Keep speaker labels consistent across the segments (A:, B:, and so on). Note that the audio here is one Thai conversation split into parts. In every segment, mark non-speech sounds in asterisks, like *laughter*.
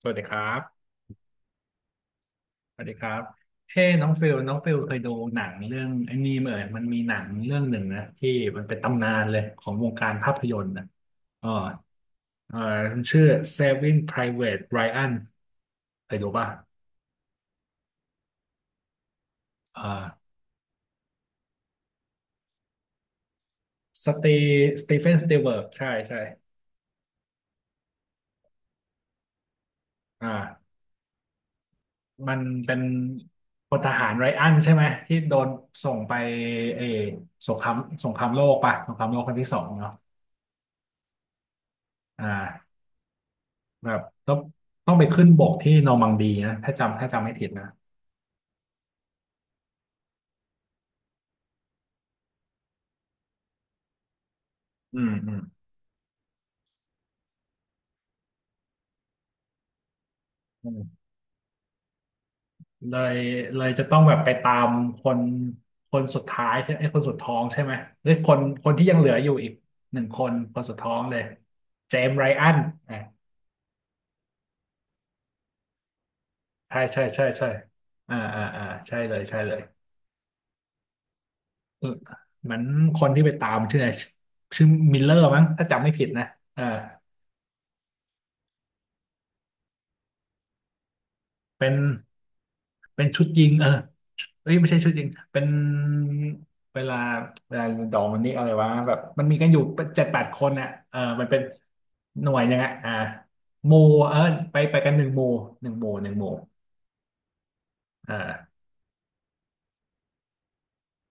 A: สวัสดีครับ สวัสดีครับ เฮ้น้องฟิลน้องฟิลเคยดูหนังเรื่องไอ้นี่ไหมเอ่ยมันมีหนังเรื่องหนึ่งนะที่มันเป็นตำนานเลยของวงการภาพยนตร์นะเออเออมันชื่อ Saving Private Ryan เคยดูป่ะอ่าสตีสตีเฟนสตีเวิร์ใช่ใช่อ่ามันเป็นพลทหารไรอันใช่ไหมที่โดนส่งไปเออสงครามสงครามโลกป่ะสงครามโลกครั้งที่สองเนาะอ่า แบบต้องต้องไปขึ้นบกที่นอร์มังดีนะถ้าจำถ้าจำไม่ผิดนะอืมอืมอืมเลยเลยจะต้องแบบไปตามคนคนสุดท้ายใช่ไอ้ยคนสุดท้องใช่ไหมหรือคนคนที่ยังเหลืออยู่อีกหนึ่งคนคนสุดท้องเลยเจมส์ไรอันอ่าใช่ใช่ใช่ใช่อ่าอ่าอ่าใช่เลยใช่เลยเออเหมือนคนที่ไปตามชื่ออะไรชื่อมิลเลอร์มั้งถ้าจำไม่ผิดนะเออเป็นเป็นชุดยิงเออ เอ้ยไม่ใช่ชุดจริง เป็นเวลาเวลาดองมันนี่อะไรวะแบบมันมีกันอยู่เจ็ดแปดคนน่ะเออมันเป็นหน่วยยังไงอ่าหมู่เออไปไปกันหนึ่งหมู่หนึ่งหมู่หนึ่งหมู่อ่า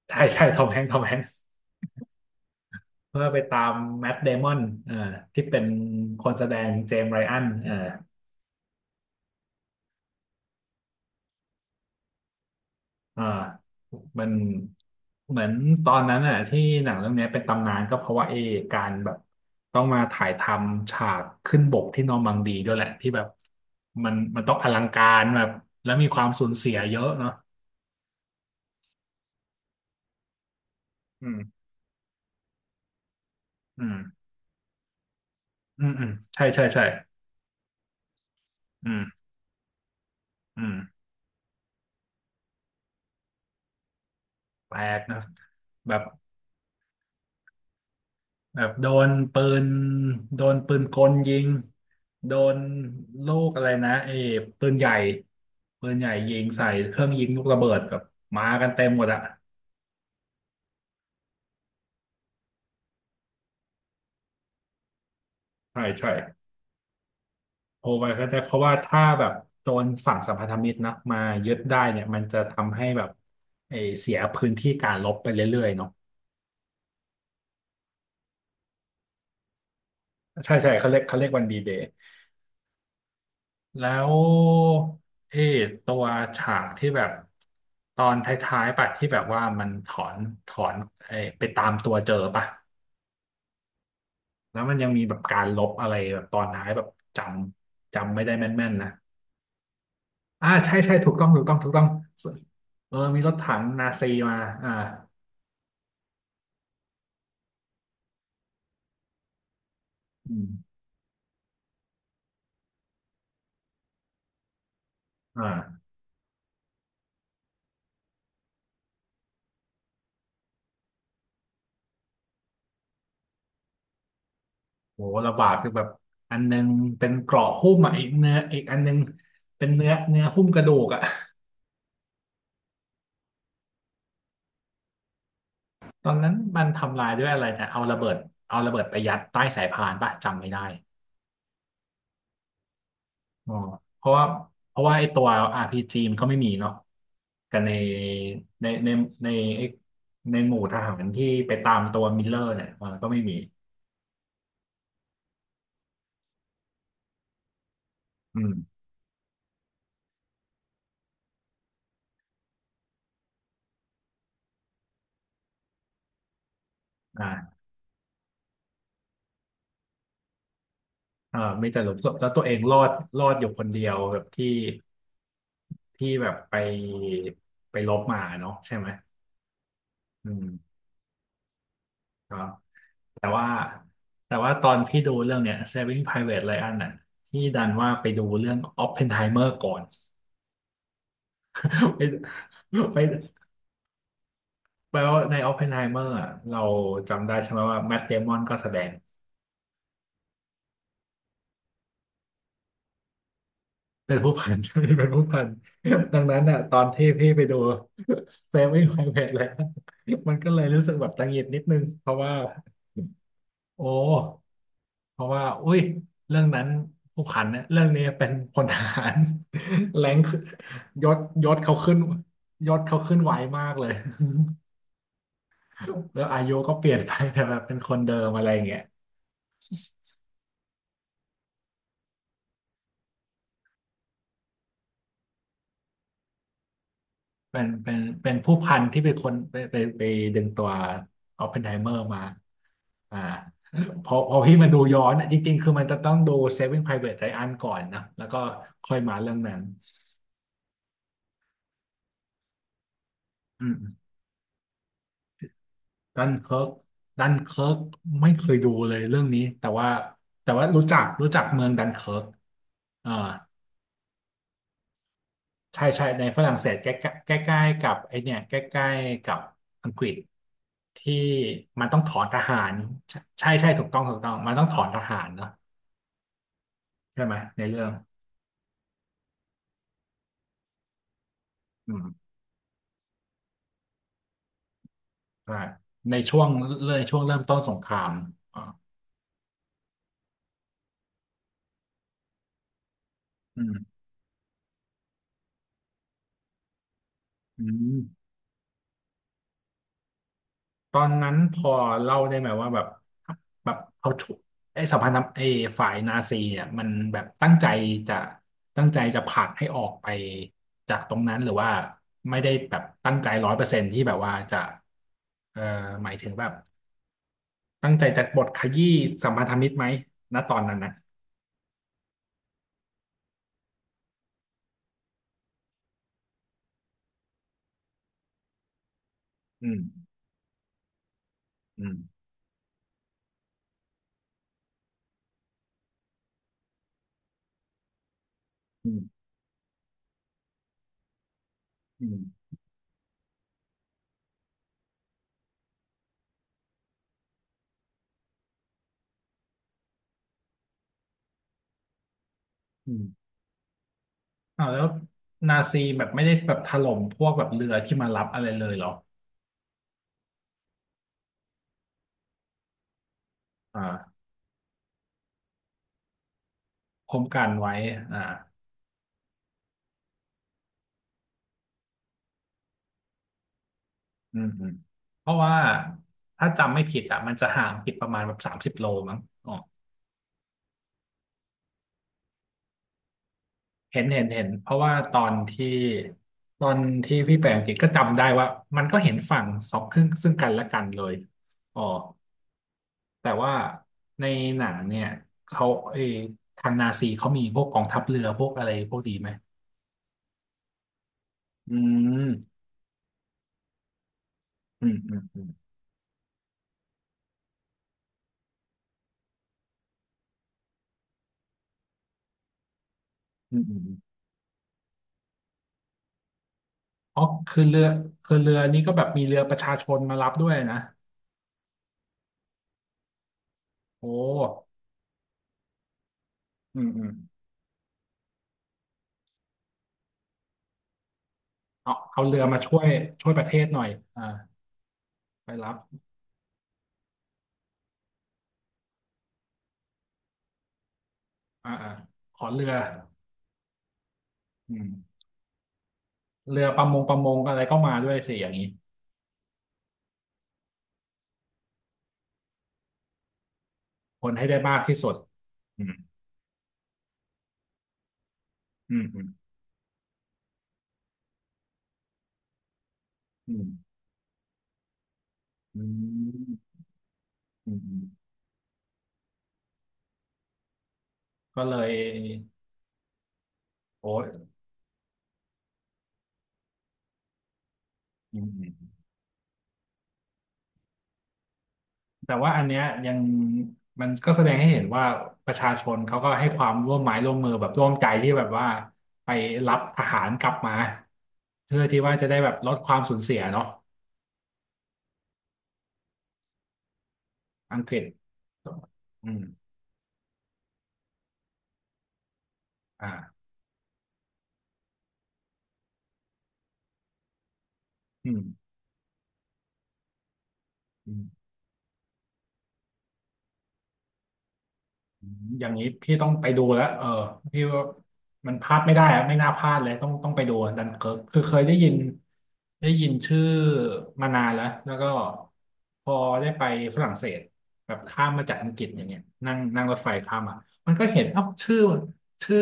A: ใช่ใช่ทอมแฮงค์ทอมแฮงค์เพื่อไปตามแมทเดมอนเออที่เป็นคนแสดงเจมส์ไรอันเออ อ่ามันเหมือนตอนนั้นอ่ะที่หนังเรื่องเนี้ยเป็นตำนานก็เพราะว่าเอการแบบต้องมาถ่ายทำฉากขึ้นบกที่นอร์มังดีด้วยแหละที่แบบมันมันต้องอลังการแบบแล้วมีความสูญเสียเยอะเนาะอืมอืมอืมอืมใช่ใช่ใช่อืมอืมแปลกนะแบบ แบบโดนปืนโดนปืนกลยิงโดนลูกอะไรนะเอ้ปืนใหญ่ปืนใหญ่ยิงใส่เครื่องยิงลูกระเบิดแบบมากันเต็มหมดอะใช่ใช่โทรไปก็ได้เพราะว่าถ้าแบบโดนฝั่งสัมพันธมิตรนะมายึดได้เนี่ยมันจะทำให้แบบเอ้เสียพื้นที่การรบไปเรื่อยๆเนาะใช่ใช่เขาเรียกเขาเรียกวันดีเดย์ แล้วเอตัวฉากที่แบบตอนท้ายๆปะที่แบบว่ามันถอนถอนไอไปตามตัวเจอปะแล้วมันยังมีแบบการลบอะไรแบบตอนท้ายแบบจำจำไม่ได้แม่นๆนะอ่าใช่ใช่ถูกต้องถูกต้องถูกต้องเออมีรถถังนาซีมาอ่าอืมอ่าโหระบาดคือแบบอันนึงเป็นเกราะหุ้มอ่ะอีกเนื้ออีกอันนึงเป็นเนื้อเนื้อหุ้มกระดูกอ่ะ ตอนนั้นมันทำลายด้วยอะไรนะเอาระเบิดเอาระเบิดไปยัดใต้สายพานป่ะจำไม่ได้อ๋อเพราะว่าเพราะว่าไอ้ตัว RPG มันก็ไม่มีเนาะกันในในในในไอ้ในหมู่ทหารที่ไปตามตัวมิลเลอร์เนี่ยเออก็ไม่มีอืมอ่าเออมีแต่หลุมศพแล้วตัวเองรอดรอดอยู่คนเดียวแบบที่ที่แบบไปไปลบมาเนาะใช่ไหมอืมครับ แต่ว่าแต่ว่าตอนพี่ดูเรื่องเนี้ย Saving Private Ryan น่ะพี่ดันว่าไปดูเรื่อง Oppenheimer ก่อน *laughs* ไม่ไม่แปลว่าใน Oppenheimer อะเราจำได้ใช่ไหมว่า Matt Damon ก็แสดงเป็นผู้พัน *laughs* เป็นผู้พันดังนั้นน่ะตอนที่พี่ไปดู *laughs* Saving Private Ryan มันก็เลยรู้สึกแบบตังหงิดนิดนึงเพราะว่าโอ้ เพราะว่าอุ้ยเรื่องนั้นผู้ขันเนี่ยเรื่องนี้เป็นพลทหาร *laughs* แรงขึ้นยศยศเขาขึ้นยศเขาขึ้นไวมากเลย *laughs* แล้วอายุก็เปลี่ยนไปแต่แบบเป็นคนเดิมอะไรอย่างเงี้ยเป็นเป็นเป็นผู้พันที่เป็นคนไปไปไปดึงตัวออปเพนไฮเมอร์มาอ่าพอพอพี่มาดูย้อนอะจริงๆคือมันจะต้องดู Saving Private Ryan ก่อนนะแล้วก็ค่อยมาเรื่องนั้นอืม ดันเคิร์กดันเคิร์กไม่เคยดูเลยเรื่องนี้แต่ว่าแต่ว่ารู้จักรู้จักเมืองดันเคิร์กอ่าใช่ใช่ในฝรั่งเศสใกล้ใกล้ใกล้ๆกับไอเนี่ยใกล้ๆกับอังกฤษที่มันต้องถอนทหารใช่ใช่ถูกต้องถูกต้องมันต้องถอนทหารเนาะใช่ไหมในเรื่องอืมใช่ในช่วงเรช่วงเริ่มต้นสงครามอ่าอืมอืม ตอนนั้นพอเล่าได้ไหมว่าแบบแบบเอาชุไอ้สภานับไอ้ฝ่ายนาซีเนี่ยมันแบบตั้งใจจะตั้งใจจะผลักให้ออกไปจากตรงนั้นหรือว่าไม่ได้แบบตั้งใจ100%ที่แบบว่าจะเอ่อหมายถึงแบบตั้งใจจะบทขยี้สัมพันธมิตรไหมณตอนนั้นนะอืมอืมอืมอืมอืมอ้าวแล้วนาซีแบบไม่ได้แบบถล่มพวกแบบเรือที่มารับอะไรเลยเหรออ่าคุ้มกันไว้อ่า อืมอืมเพราะว่าถ้าจำไม่ผิดอ่ะมันจะห่างผิดประมาณแบบ30 โลมั้งอ๋อเห็นเห็นเห็นเพราะว่าตอนที่ตอนที่พี่ไปอังกฤษก็จำได้ว่ามันก็เห็นฝั่งสองครึ่งซึ่งกันและกันเลยอ๋อแต่ว่าในหนังเนี่ยเขาเออทางนาซีเขามีพวกกองทัพเรือพวกอะไรพวกดีไหมอืมอืมอืมอืมอืมอืมเพราะคือเรือคือเรือนี้ก็แบบมีเรือประชาชนมารับด้วยนะโอ้อืมอืม เอาเอาเรือมาช่วยช่วยประเทศหน่อยอ่าไปรับอ่าอ่าขอเรืออืมเรือประมงประมงอะไรก็มาด้วยสิอย่างนี้คนให้ได้มากที่สุดอืมอืมอืมอืมอืมอืมอืมก็เลยโอ้ยอืมอืมแต่ว่าอันเนี้ยยังมันก็แสดงให้เห็นว่าประชาชนเขาก็ให้ความร่วมไม้ร่วมมือแบบร่วมใจที่แบบว่าไปรับทหารกลับมาเพื่อที่ว่าจะได้แบบลดความสูญเสียเนาะอังกฤษอืมอ่า อืมอืมอืมอย่างนี้พี่ต้องไปดูแล้วเออพี่ว่ามันพลาดไม่ได้อะไม่น่าพลาดเลยต้องต้องไปดูดันเคิร์กคือเคยได้ยินได้ยินชื่อมานานแล้วแล้วก็พอได้ไปฝรั่งเศสแบบข้ามมาจากอังกฤษอย่างเงี้ยนั่งนั่งรถไฟข้ามอ่ะมันก็เห็นเอ้าชื่อชื่อ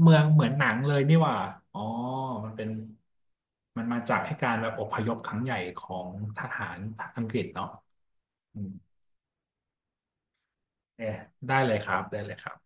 A: เมืองเหมือนหนังเลยนี่หว่าอ๋อมันเป็นมันมาจากให้การแบบอพยพครั้งใหญ่ของทหารอังกฤษเนาะอืมเอ๊ะได้เลยครับได้เลยครับ